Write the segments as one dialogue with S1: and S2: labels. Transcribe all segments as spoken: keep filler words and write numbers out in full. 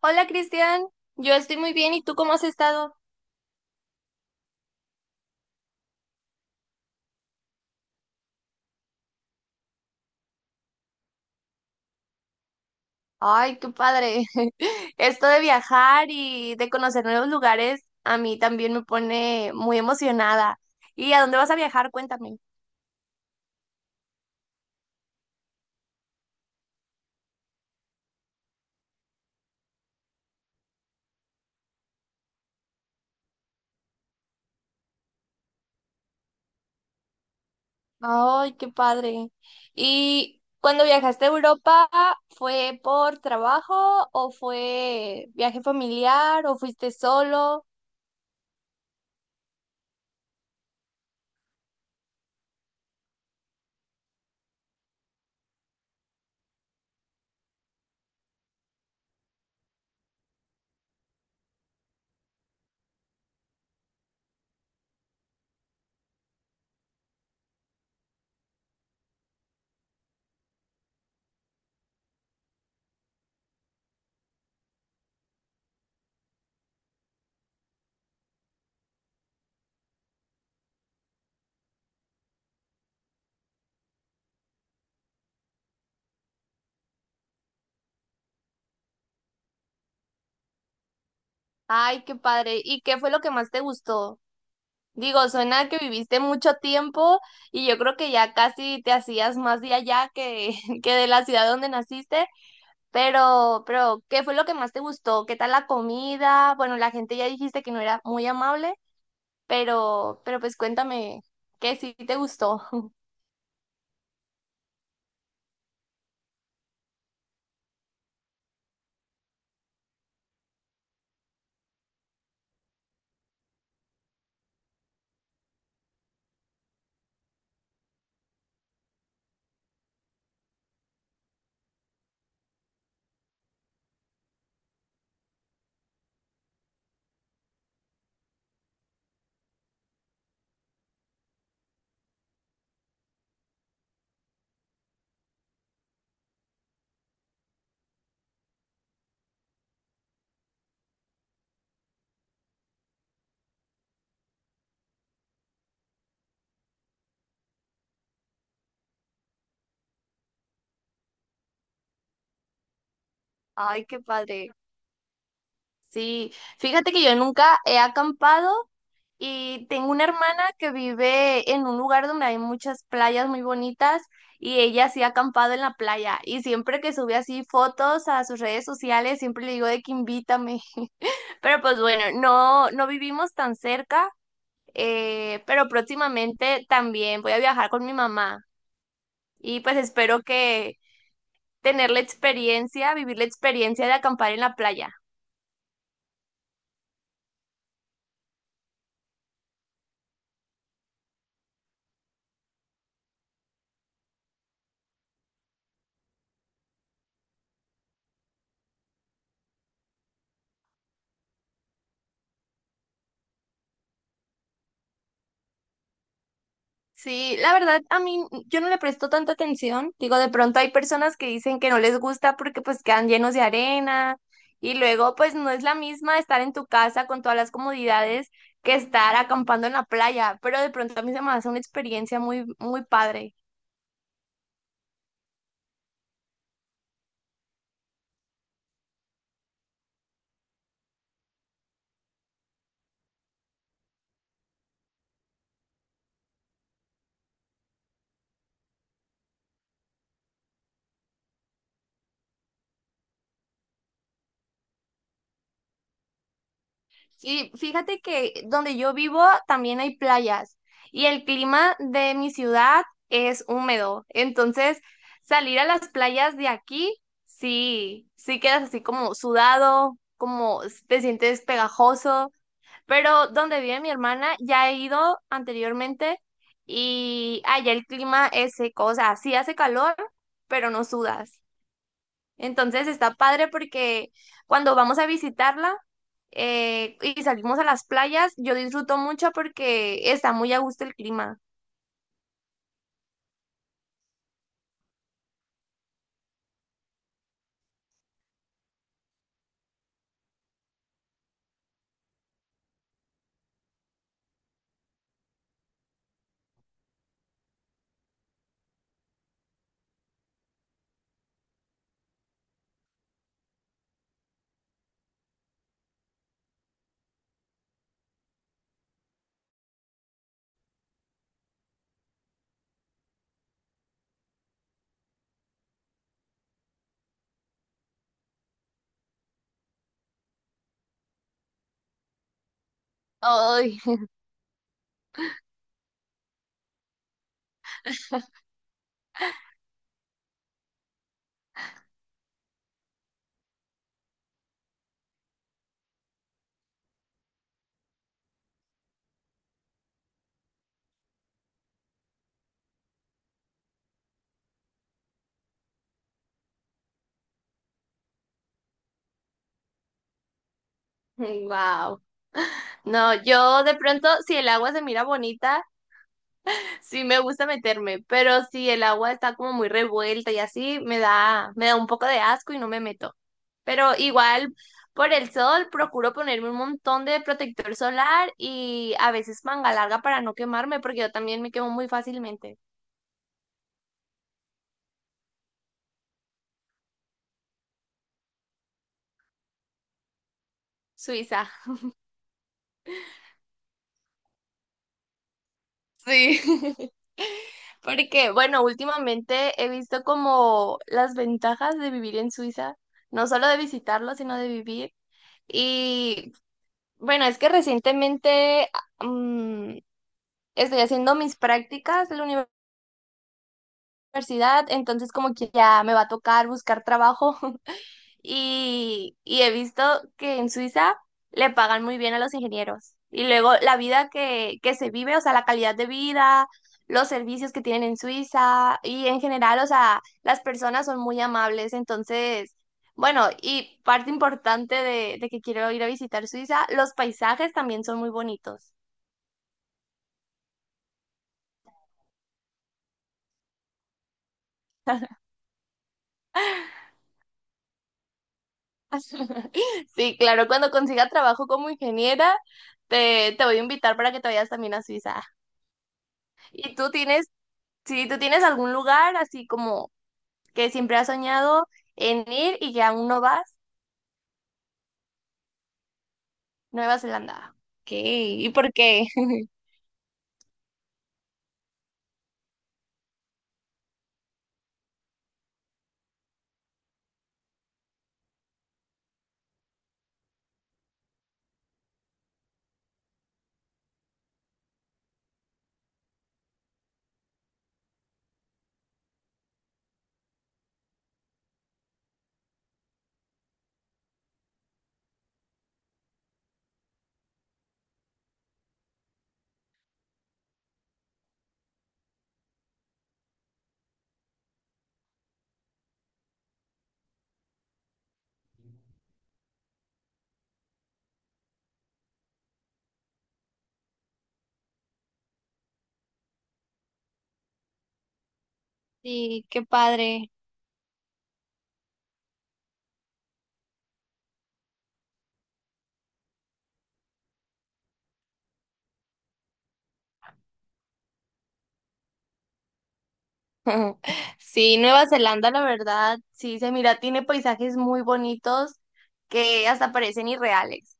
S1: Hola Cristian, yo estoy muy bien, ¿y tú cómo has estado? Ay, qué padre. Esto de viajar y de conocer nuevos lugares a mí también me pone muy emocionada. ¿Y a dónde vas a viajar? Cuéntame. Ay, qué padre. ¿Y cuando viajaste a Europa, fue por trabajo o fue viaje familiar o fuiste solo? Ay, qué padre. ¿Y qué fue lo que más te gustó? Digo, suena que viviste mucho tiempo y yo creo que ya casi te hacías más de allá que, que de la ciudad donde naciste, pero, pero, ¿qué fue lo que más te gustó? ¿Qué tal la comida? Bueno, la gente ya dijiste que no era muy amable, pero, pero pues cuéntame, ¿qué sí te gustó? Ay, qué padre. Sí, fíjate que yo nunca he acampado. Y tengo una hermana que vive en un lugar donde hay muchas playas muy bonitas y ella sí ha acampado en la playa. Y siempre que sube así fotos a sus redes sociales, siempre le digo de que invítame. Pero pues bueno, no, no vivimos tan cerca, eh, pero próximamente también voy a viajar con mi mamá. Y pues espero que tener la experiencia, vivir la experiencia de acampar en la playa. Sí, la verdad, a mí yo no le presto tanta atención. Digo, de pronto hay personas que dicen que no les gusta porque pues quedan llenos de arena y luego pues no es la misma estar en tu casa con todas las comodidades que estar acampando en la playa, pero de pronto a mí se me hace una experiencia muy, muy padre. Sí, fíjate que donde yo vivo también hay playas y el clima de mi ciudad es húmedo. Entonces, salir a las playas de aquí, sí, sí quedas así como sudado, como te sientes pegajoso. Pero donde vive mi hermana, ya he ido anteriormente y allá el clima es seco, o sea, sí hace calor, pero no sudas. Entonces está padre porque cuando vamos a visitarla eh, y salimos a las playas, yo disfruto mucho porque está muy a gusto el clima. Ay, wow. No, yo de pronto, si el agua se mira bonita, sí, me gusta meterme, pero si el agua está como muy revuelta y así, me da, me da un poco de asco y no me meto. Pero igual, por el sol, procuro ponerme un montón de protector solar y a veces manga larga para no quemarme, porque yo también me quemo muy fácilmente. Suiza. Sí. Porque, bueno, últimamente he visto como las ventajas de vivir en Suiza, no solo de visitarlo, sino de vivir. Y bueno, es que recientemente mm, estoy haciendo mis prácticas en la universidad, entonces como que ya me va a tocar buscar trabajo y, y he visto que en Suiza le pagan muy bien a los ingenieros. Y luego la vida que, que se vive, o sea, la calidad de vida, los servicios que tienen en Suiza y en general, o sea, las personas son muy amables, entonces... Bueno, y parte importante de, de que quiero ir a visitar Suiza, los paisajes también son muy bonitos. Sí, claro, cuando consiga trabajo como ingeniera, te, te voy a invitar para que te vayas también a Suiza. ¿Y tú tienes, si tú tienes algún lugar así como que siempre has soñado en ir y que aún no vas? Nueva Zelanda. Ok, ¿y por qué? Sí, qué padre. Sí, Nueva Zelanda, la verdad, sí se mira, tiene paisajes muy bonitos que hasta parecen irreales,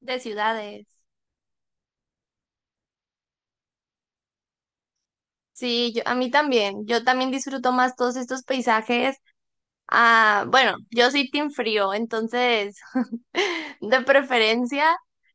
S1: de ciudades. Sí, yo, a mí también, yo también disfruto más todos estos paisajes. Ah, bueno, yo soy team frío, entonces de preferencia,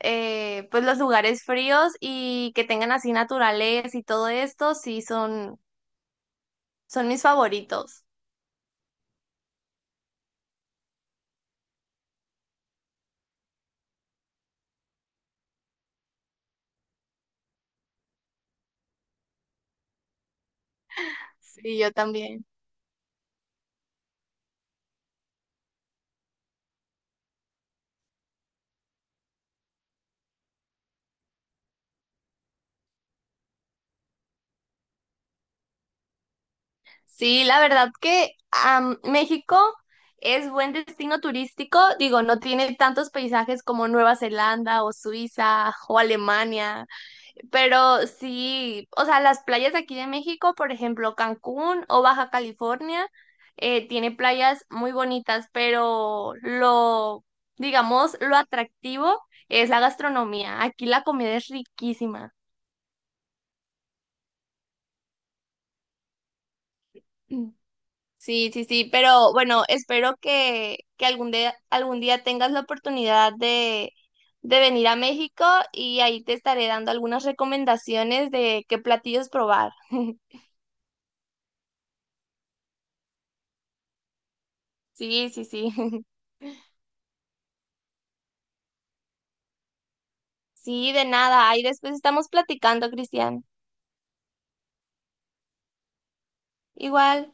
S1: eh, pues los lugares fríos y que tengan así naturaleza y todo esto, sí son, son mis favoritos. Sí, yo también. Sí, la verdad que am, México es buen destino turístico, digo, no tiene tantos paisajes como Nueva Zelanda o Suiza o Alemania, pero sí, o sea, las playas de aquí de México, por ejemplo, Cancún o Baja California, eh, tiene playas muy bonitas, pero lo, digamos, lo atractivo es la gastronomía. Aquí la comida es riquísima. Mm. Sí, sí, sí, pero bueno, espero que, que algún día, algún día tengas la oportunidad de, de venir a México y ahí te estaré dando algunas recomendaciones de qué platillos probar. Sí, sí, sí. Sí, de nada. Ahí después estamos platicando, Cristian. Igual.